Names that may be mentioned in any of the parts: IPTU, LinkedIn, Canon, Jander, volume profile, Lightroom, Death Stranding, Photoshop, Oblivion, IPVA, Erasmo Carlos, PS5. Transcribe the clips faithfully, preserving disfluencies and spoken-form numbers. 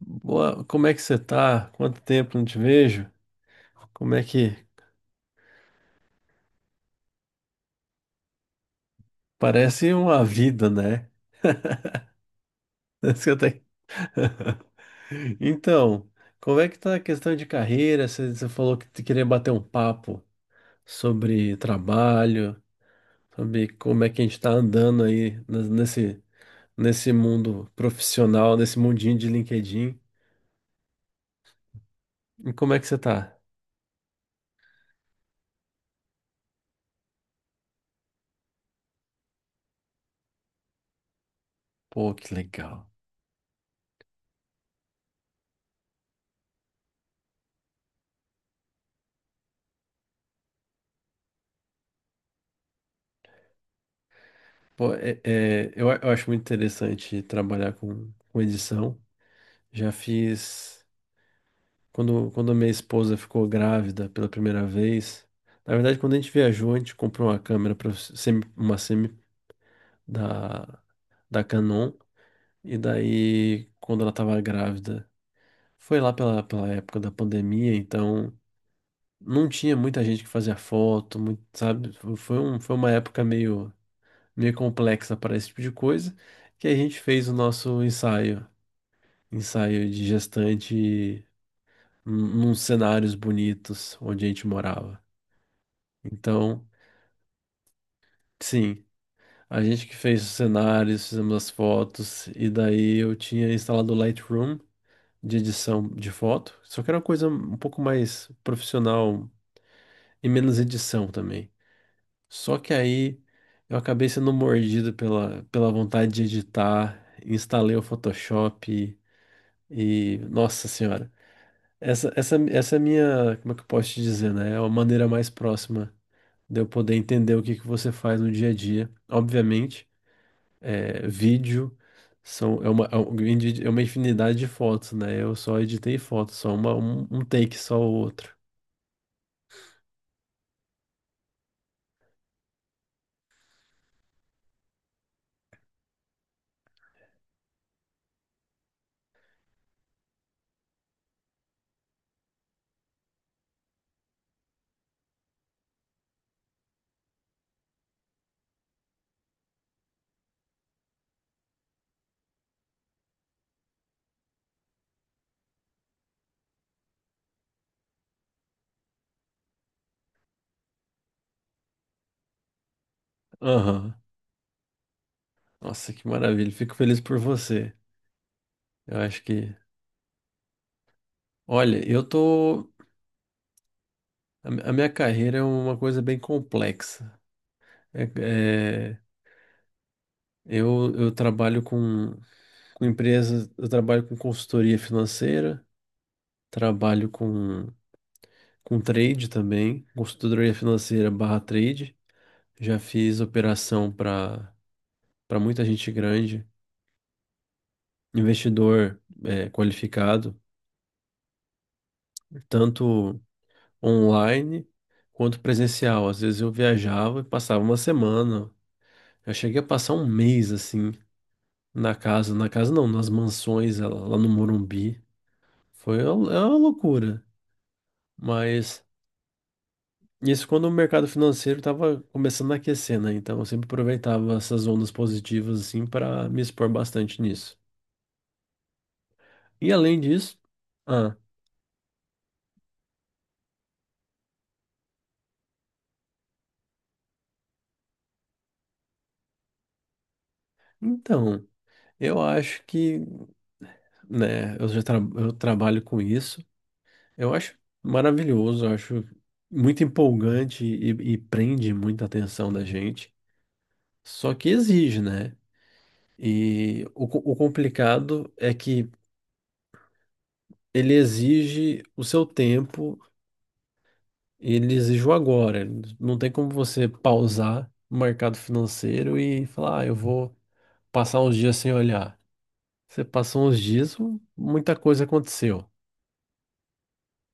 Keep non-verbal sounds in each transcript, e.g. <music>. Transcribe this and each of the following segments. Boa, como é que você tá? Quanto tempo não te vejo? Como é que Parece uma vida, né? <laughs> Parece que eu tenho- Então, como é que tá a questão de carreira? Você, você falou que te queria bater um papo sobre trabalho, sobre como é que a gente tá andando aí nes- nesse, nesse mundo profissional, nesse mundinho de LinkedIn. E como é que você tá? Pô, que legal. Pô, é- é, eu, a- eu acho muito interessante trabalhar com, com edição. Já fiz. Quando, quando a minha esposa ficou grávida pela primeira vez, na verdade, quando a gente viajou, a gente comprou uma câmera para uma semi da, da Canon, e daí, quando ela estava grávida, foi lá pela, pela época da pandemia, então não tinha muita gente que fazia foto, muito, sabe? Foi um, foi uma época meio, meio complexa para esse tipo de coisa, que a gente fez o nosso ensaio, ensaio de gestante num- num cenários bonitos onde a gente morava. Então, sim, a gente que fez os cenários, fizemos as fotos, e daí eu tinha instalado o Lightroom de edição de foto, só que era uma coisa um pouco mais profissional e menos edição também. Só que aí eu acabei sendo mordido pela, pela vontade de editar, instalei o Photoshop e, nossa senhora, essa, essa, essa é a minha, como é que eu posso te dizer, né? É a maneira mais próxima de eu poder entender o que que você faz no dia a dia, obviamente. É, vídeo, são, é uma, é um grande- é uma infinidade de fotos, né? Eu só editei fotos, só uma, um, um take, só o outro. Aham. Nossa, que maravilha. Fico feliz por você. Eu acho que. Olha, eu tô. A mi- a minha carreira é uma coisa bem complexa. É- é, eu, eu trabalho com, com empresas, eu trabalho com consultoria financeira, trabalho com, com trade também, consultoria financeira barra trade. Já fiz operação para para muita gente grande, investidor é qualificado, tanto online quanto presencial. Às vezes eu viajava e passava uma semana. Eu cheguei a passar um mês assim na casa, na casa não, nas mansões lá lá no Morumbi. Foi uma- é uma loucura, mas isso quando o mercado financeiro estava começando a aquecer, né? Então eu sempre aproveitava essas ondas positivas assim para me expor bastante nisso. E além disso, ah, então, eu acho que, né? Eu já tra- eu trabalho com isso. Eu acho maravilhoso, eu acho muito empolgante e, e prende muita atenção da gente. Só que exige, né? E o, co- o complicado é que ele exige o seu tempo, e ele exige o agora. Não tem como você pausar o mercado financeiro e falar, ah, eu vou passar uns dias sem olhar. Você passou uns dias, muita coisa aconteceu.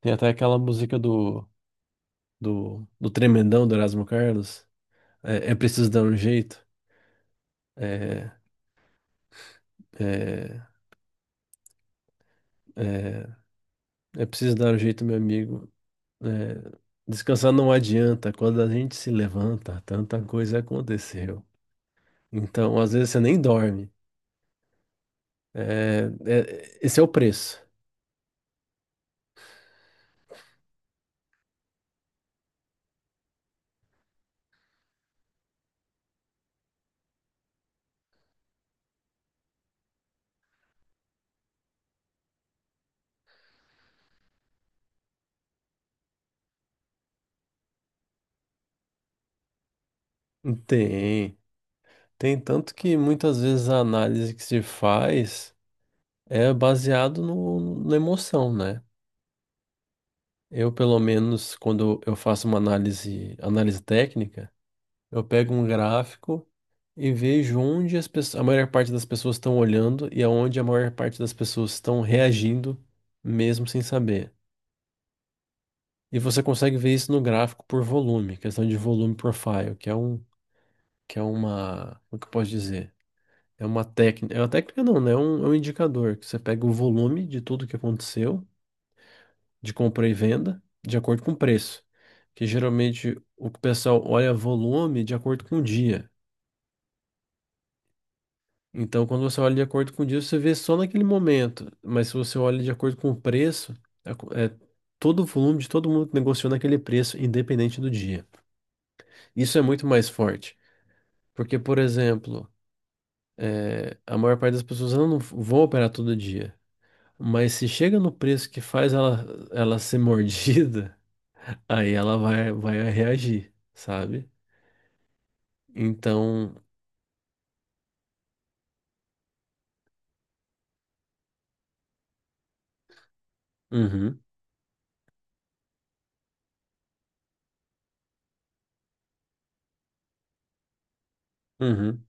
Tem até aquela música do do, do tremendão do Erasmo Carlos. É, é preciso dar um jeito. É, é, é é preciso dar um jeito, meu amigo. É, descansar não adianta. Quando a gente se levanta, tanta coisa aconteceu. Então, às vezes você nem dorme. É, é- esse é o preço. Tem. Tem tanto que muitas vezes a análise que se faz é baseado no, na emoção, né? Eu, pelo menos, quando eu faço uma análise, análise técnica, eu pego um gráfico e vejo onde as pessoas, a maior parte das pessoas estão olhando e aonde a maior parte das pessoas estão reagindo, mesmo sem saber. E você consegue ver isso no gráfico por volume, questão de volume profile, que é um, que é uma, como que eu posso dizer? É uma técnica, é uma técnica não, né? É um, é um indicador que você pega o volume de tudo que aconteceu, de compra e venda, de acordo com o preço. Que geralmente o pessoal olha volume de acordo com o dia. Então, quando você olha de acordo com o dia, você vê só naquele momento. Mas se você olha de acordo com o preço, é, co- é todo o volume de todo mundo que negociou naquele preço, independente do dia. Isso é muito mais forte. Porque, por exemplo, é, a maior parte das pessoas elas não vão operar todo dia. Mas se chega no preço que faz ela, ela, ser <laughs> mordida, aí ela vai, vai reagir, sabe? Então, uhum, uhum.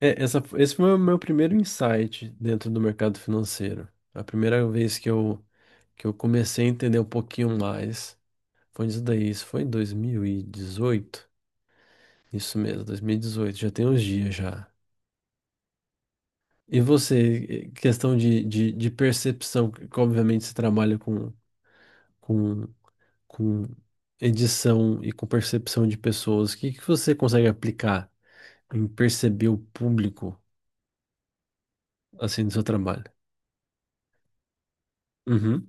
É, essa, esse foi o meu primeiro insight dentro do mercado financeiro. A primeira vez que eu, que eu comecei a entender um pouquinho mais foi isso daí. Isso foi em dois mil e dezoito, isso mesmo, dois mil e dezoito, já tem uns dias já. E você, eh, questão de, de, de percepção, que obviamente você trabalha com, com, com edição e com percepção de pessoas, o que, que você consegue aplicar em perceber o público assim no seu trabalho? Uhum,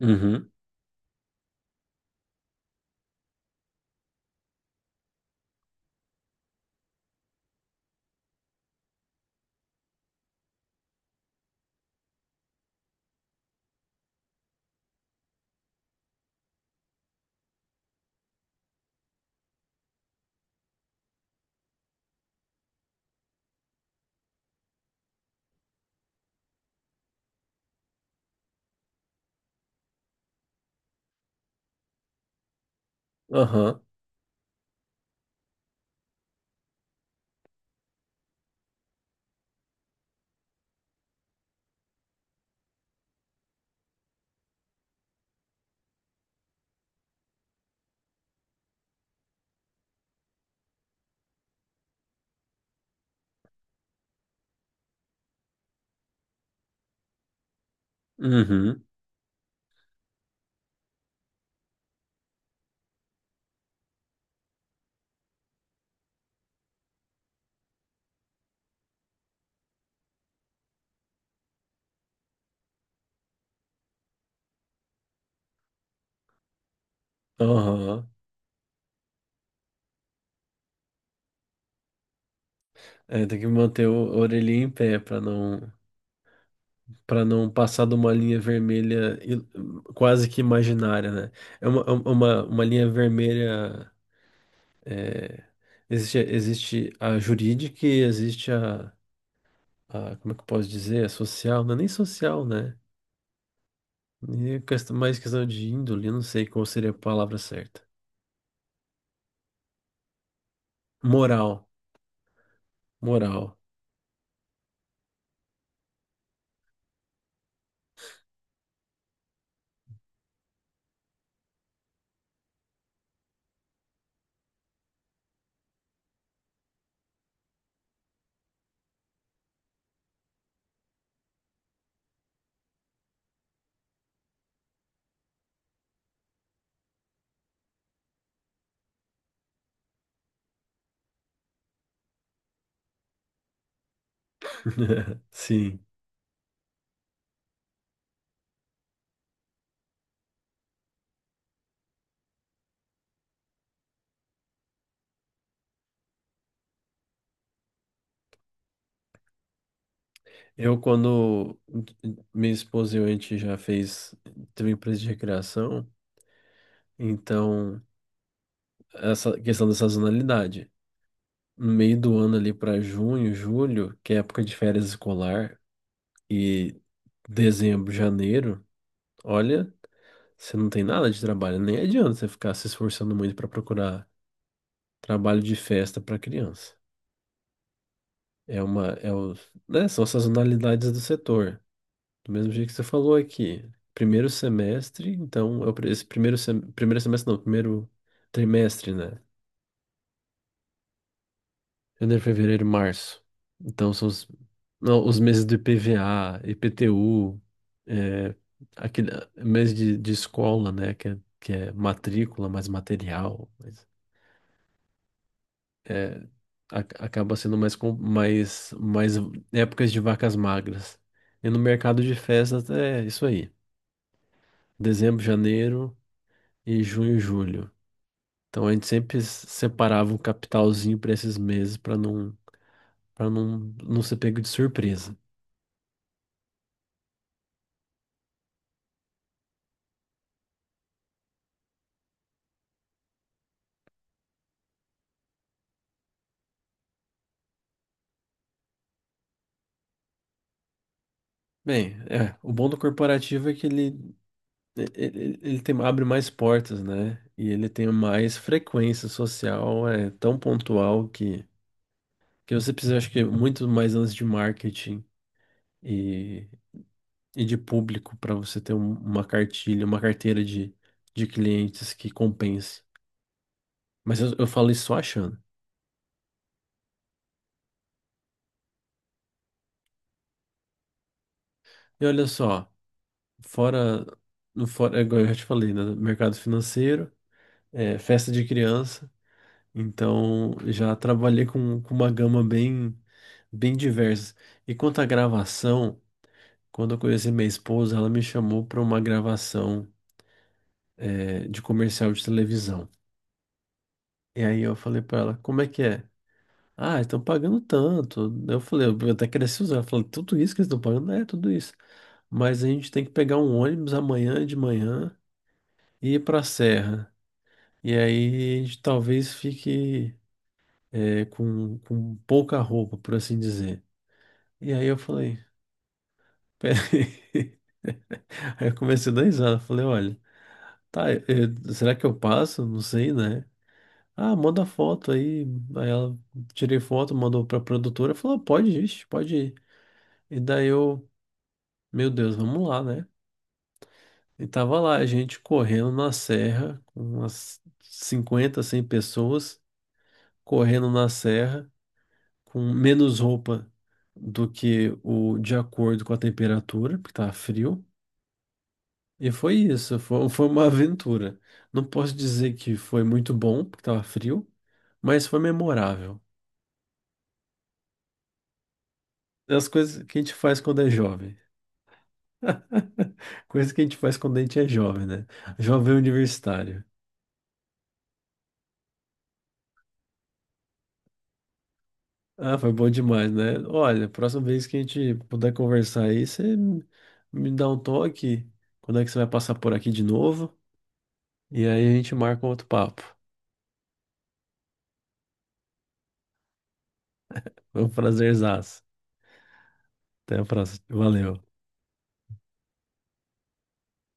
uhum, aham. Uhum. Aham. É, tem que manter o a orelhinha em pé para não para não passar de uma linha vermelha il- quase que imaginária, né? É uma, é um, é uma, uma linha vermelha. Existe, existe a jurídica e existe a, a- como é que eu posso dizer? A social, não é nem social, né? E quest- mais questão de índole, eu não sei qual seria a palavra certa. Moral, moral. <laughs> Sim. Eu, quando minha esposa e eu, a gente já fez, teve empresa de recreação, então essa questão da sazonalidade. No meio do ano ali para junho, julho, que é época de férias escolar, e dezembro, janeiro, olha, você não tem nada de trabalho, nem adianta você ficar se esforçando muito para procurar trabalho de festa para criança. É uma, é o, né, são as sazonalidades do setor. Do mesmo jeito que você falou aqui, primeiro semestre, então, é o pri- esse primeiro, sem- primeiro semestre não, primeiro trimestre, né? Janeiro, fevereiro, março. Então, são os, não, os meses do I P V A, I P T U, é, aquele ah, mês de, de escola, né? Que é, que é matrícula, mais material, mas, é, a- acaba sendo mais, com- mais, mais épocas de vacas magras. E no mercado de festas é isso aí. Dezembro, janeiro e junho, julho. Então a gente sempre separava um capitalzinho para esses meses para não para não, não ser pego de surpresa. Bem, é, o bom do corporativo é que ele, ele, ele tem, abre mais portas, né? E ele tem mais frequência social, é tão pontual que, que você precisa, acho que, muito mais antes de marketing e, e de público para você ter um- uma cartilha, uma carteira de, de clientes que compense. Mas eu, eu falo isso só achando. E olha só. Fora, no fora, é igual eu já te falei, né? Mercado financeiro, é, festa de criança. Então, já trabalhei com, com uma gama bem, bem diversa. E quanto à gravação, quando eu conheci minha esposa, ela me chamou para uma gravação, é, de comercial de televisão. E aí eu falei para ela, como é que é? Ah, estão pagando tanto. Eu falei, eu até cresci usar. Ela falou, tudo isso que eles estão pagando? É, tudo isso. Mas a gente tem que pegar um ônibus amanhã de manhã e ir para a serra. E aí a gente talvez fique é, com, com pouca roupa, por assim dizer. E aí eu falei, peraí. <laughs> Aí eu comecei a dar risada, falei, olha, tá, eu- eu- será que eu passo? Não sei, né? Ah, manda foto aí. Aí ela tirei foto, mandou pra produtora, falou, "Ah, pode ir, ixi, pode ir." E daí eu, meu Deus, vamos lá, né? E tava lá, a gente correndo na serra, com umas cinquenta cem pessoas, correndo na serra. Com menos roupa do que o de acordo com a temperatura, porque estava frio. E foi isso, foi, foi uma aventura. Não posso dizer que foi muito bom, porque estava frio, mas foi memorável. É, as coisas que a gente faz quando é jovem. <laughs> Coisas que a gente faz quando a gente é jovem, né? Jovem universitário. Ah, foi bom demais, né? Olha, próxima vez que a gente puder conversar aí, você me dá um toque. Quando é que você vai passar por aqui de novo? E aí a gente marca um outro papo. Foi um prazerzaço. Até a próxima. Valeu.